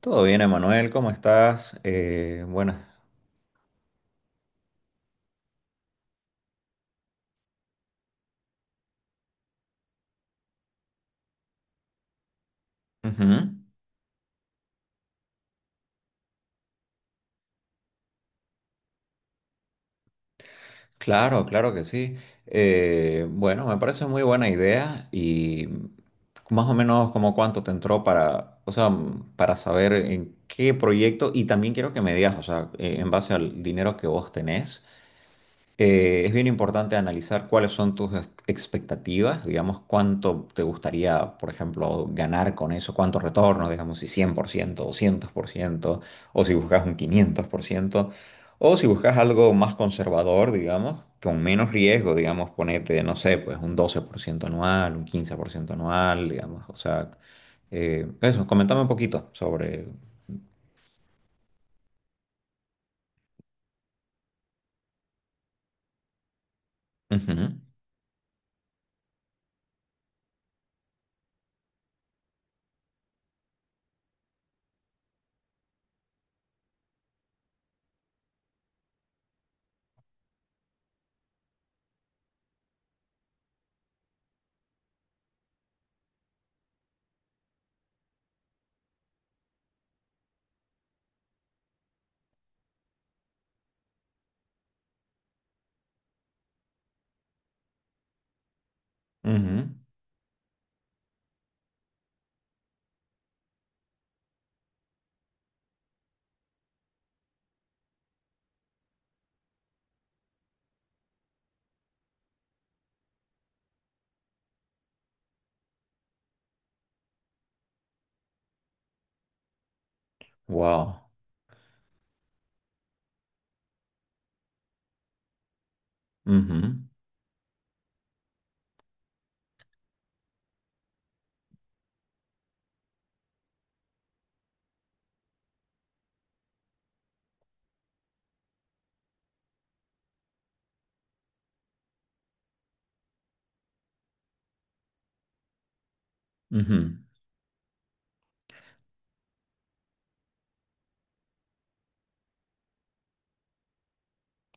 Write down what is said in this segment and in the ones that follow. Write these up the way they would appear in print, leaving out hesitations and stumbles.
Todo bien, Emanuel, ¿cómo estás? Buenas. Ujú. Claro, claro que sí. Bueno, me parece muy buena idea y más o menos como cuánto te entró para, o sea, para saber en qué proyecto y también quiero que me digas, o sea, en base al dinero que vos tenés. Es bien importante analizar cuáles son tus expectativas, digamos, cuánto te gustaría, por ejemplo, ganar con eso, cuánto retorno, digamos, si 100% 200% o si buscas un 500% o si buscas algo más conservador, digamos, con menos riesgo, digamos, ponete, no sé, pues un 12% anual, un 15% anual, digamos, o sea, eso, comentame un poquito sobre. Ujú, ujú, wow, ujú, ujú,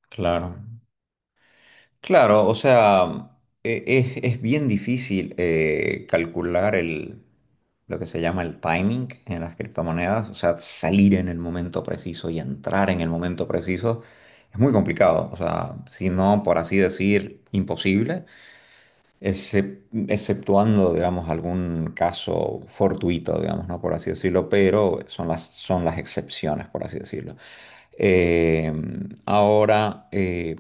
claro. Claro, o sea, es bien difícil calcular el, lo que se llama el timing en las criptomonedas, o sea, salir en el momento preciso y entrar en el momento preciso es muy complicado, o sea, si no, por así decir, imposible, excep- exceptuando, digamos, algún caso fortuito, digamos, ¿no? Por así decirlo, pero son las excepciones, por así decirlo. Eh, Ahora,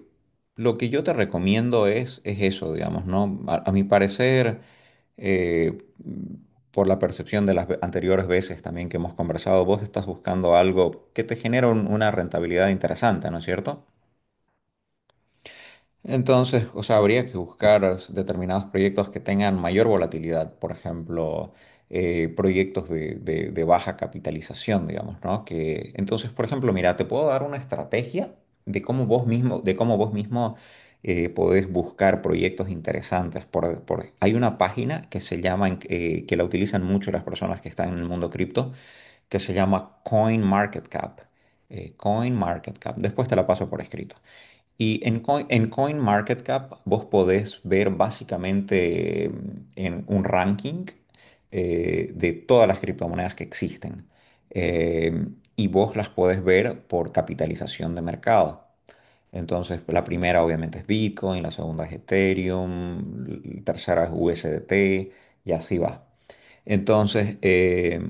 lo que yo te recomiendo es eso, digamos, ¿no? A mi parecer, eh, por la percepción de las anteriores veces también que hemos conversado, vos estás buscando algo que te genere una rentabilidad interesante, ¿no es cierto? Entonces, o sea, habría que buscar determinados proyectos que tengan mayor volatilidad, por ejemplo, proyectos de baja capitalización, digamos, ¿no? Que, entonces, por ejemplo, mira, te puedo dar una estrategia de cómo vos mismo podés buscar proyectos interesantes. Hay una página que se llama, que la utilizan mucho las personas que están en el mundo cripto, que se llama CoinMarketCap. CoinMarketCap. Después te la paso por escrito. Y en CoinMarketCap vos podés ver básicamente en un ranking de todas las criptomonedas que existen. Eh, y vos las podés ver por capitalización de mercado. Entonces, la primera obviamente es Bitcoin, la segunda es Ethereum, la tercera es USDT y así va. Entonces,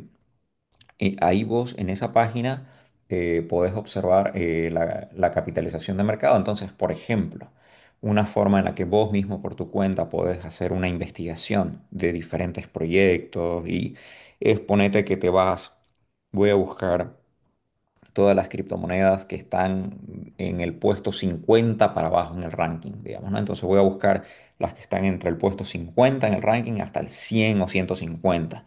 y ahí vos en esa página podés observar la capitalización de mercado. Entonces, por ejemplo, una forma en la que vos mismo por tu cuenta podés hacer una investigación de diferentes proyectos y es ponete que te vas, voy a buscar todas las criptomonedas que están en el puesto 50 para abajo en el ranking, digamos, ¿no? Entonces voy a buscar las que están entre el puesto 50 en el ranking hasta el 100 o 150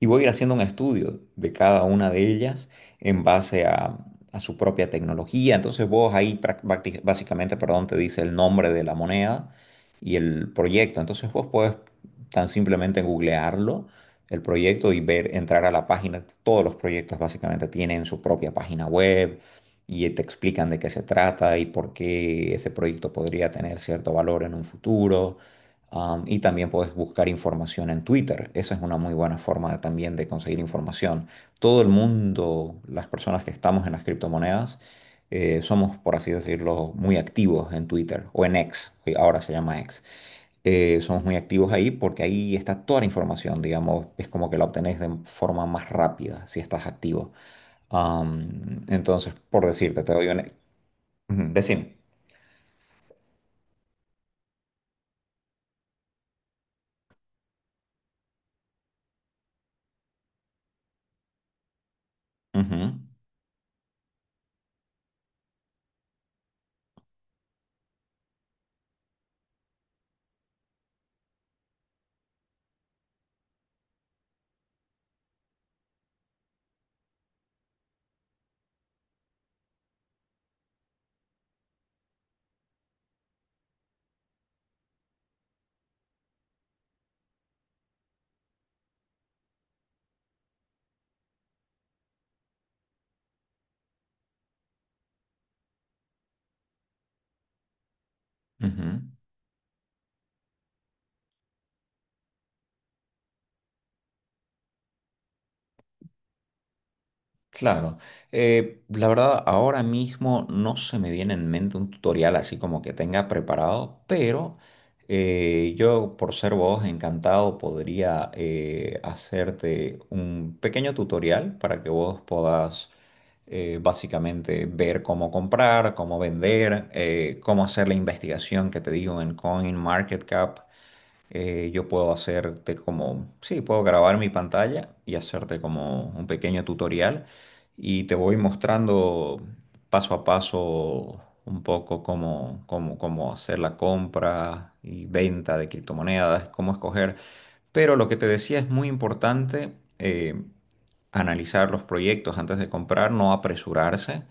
y voy a ir haciendo un estudio de cada una de ellas en base a su propia tecnología. Entonces vos ahí básicamente, perdón, te dice el nombre de la moneda y el proyecto. Entonces vos podés tan simplemente googlearlo, el proyecto y ver, entrar a la página. Todos los proyectos básicamente tienen su propia página web y te explican de qué se trata y por qué ese proyecto podría tener cierto valor en un futuro. Y también puedes buscar información en Twitter. Esa es una muy buena forma también de conseguir información. Todo el mundo, las personas que estamos en las criptomonedas, somos, por así decirlo, muy activos en Twitter o en X, que ahora se llama X. Somos muy activos ahí porque ahí está toda la información, digamos, es como que la obtenés de forma más rápida si estás activo. Entonces, por decirte, te doy un Ujú, decime. Ujú, ujú. Claro, la verdad ahora mismo no se me viene en mente un tutorial así como que tenga preparado, pero yo por ser vos encantado podría hacerte un pequeño tutorial para que vos puedas básicamente ver cómo comprar, cómo vender, cómo hacer la investigación que te digo en CoinMarketCap. Yo puedo hacerte como, sí, puedo grabar mi pantalla y hacerte como un pequeño tutorial y te voy mostrando paso a paso un poco cómo hacer la compra y venta de criptomonedas, cómo escoger. Pero lo que te decía es muy importante eh, analizar los proyectos antes de comprar, no apresurarse,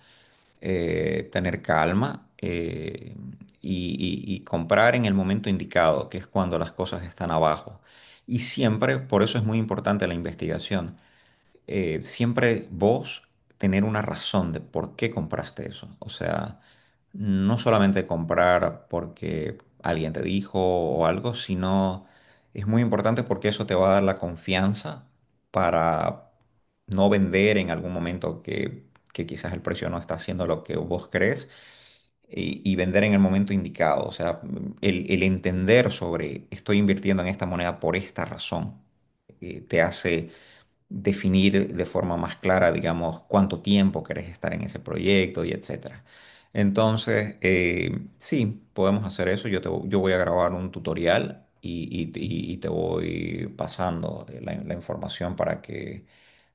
tener calma, y comprar en el momento indicado, que es cuando las cosas están abajo. Y siempre, por eso es muy importante la investigación, siempre vos tener una razón de por qué compraste eso. O sea, no solamente comprar porque alguien te dijo o algo, sino es muy importante porque eso te va a dar la confianza para no vender en algún momento que quizás el precio no está haciendo lo que vos crees. Y vender en el momento indicado, o sea, el entender sobre estoy invirtiendo en esta moneda por esta razón, te hace definir de forma más clara, digamos, cuánto tiempo querés estar en ese proyecto y etcétera. Entonces, sí, podemos hacer eso. Yo voy a grabar un tutorial y, y te voy pasando la información para que,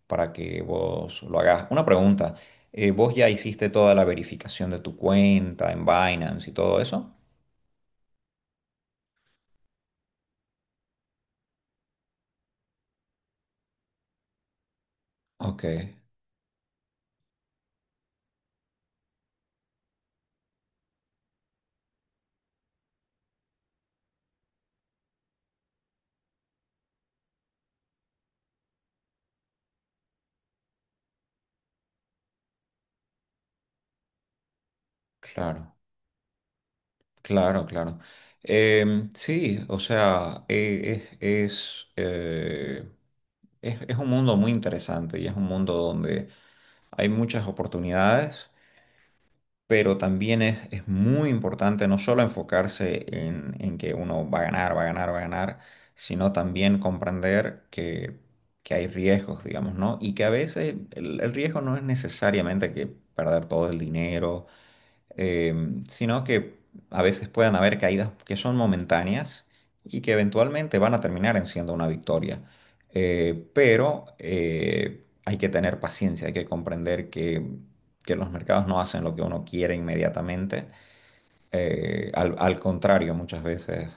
para que vos lo hagas. Una pregunta, ¿vos ya hiciste toda la verificación de tu cuenta en Binance y todo eso? Ok, claro. Claro, claro. Sí, o sea, es, eh, es un mundo muy interesante y es un mundo donde hay muchas oportunidades, pero también es muy importante no solo enfocarse en que uno va a ganar, va a ganar, va a ganar, sino también comprender que hay riesgos, digamos, ¿no? Y que a veces el riesgo no es necesariamente que perder todo el dinero, eh, sino que a veces puedan haber caídas que son momentáneas y que eventualmente van a terminar en siendo una victoria. Pero hay que tener paciencia, hay que comprender que los mercados no hacen lo que uno quiere inmediatamente. Al contrario, muchas veces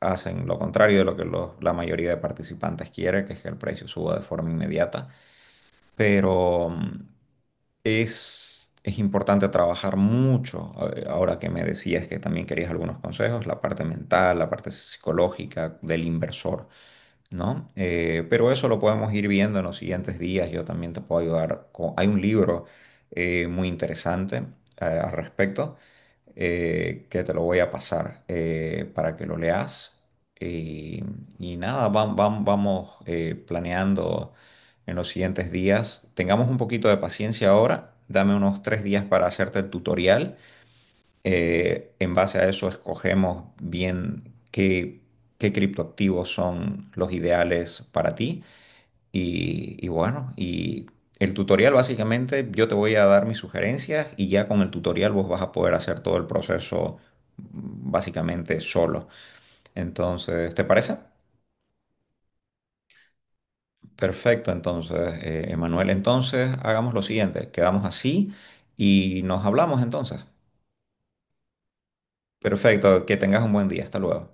hacen lo contrario de lo que la mayoría de participantes quiere, que es que el precio suba de forma inmediata. Pero, es importante trabajar mucho, ahora que me decías que también querías algunos consejos, la parte mental, la parte psicológica del inversor, ¿no? Pero eso lo podemos ir viendo en los siguientes días. Yo también te puedo ayudar Hay un libro muy interesante al respecto que te lo voy a pasar para que lo leas. Y, y nada, vamos planeando en los siguientes días. Tengamos un poquito de paciencia ahora. Dame unos 3 días para hacerte el tutorial, en base a eso escogemos bien qué criptoactivos son los ideales para ti. Y bueno, y el tutorial básicamente yo te voy a dar mis sugerencias y ya con el tutorial vos vas a poder hacer todo el proceso, básicamente solo. Entonces, ¿te parece? Perfecto, entonces, Emanuel, entonces hagamos lo siguiente, quedamos así y nos hablamos entonces. Perfecto, que tengas un buen día, hasta luego.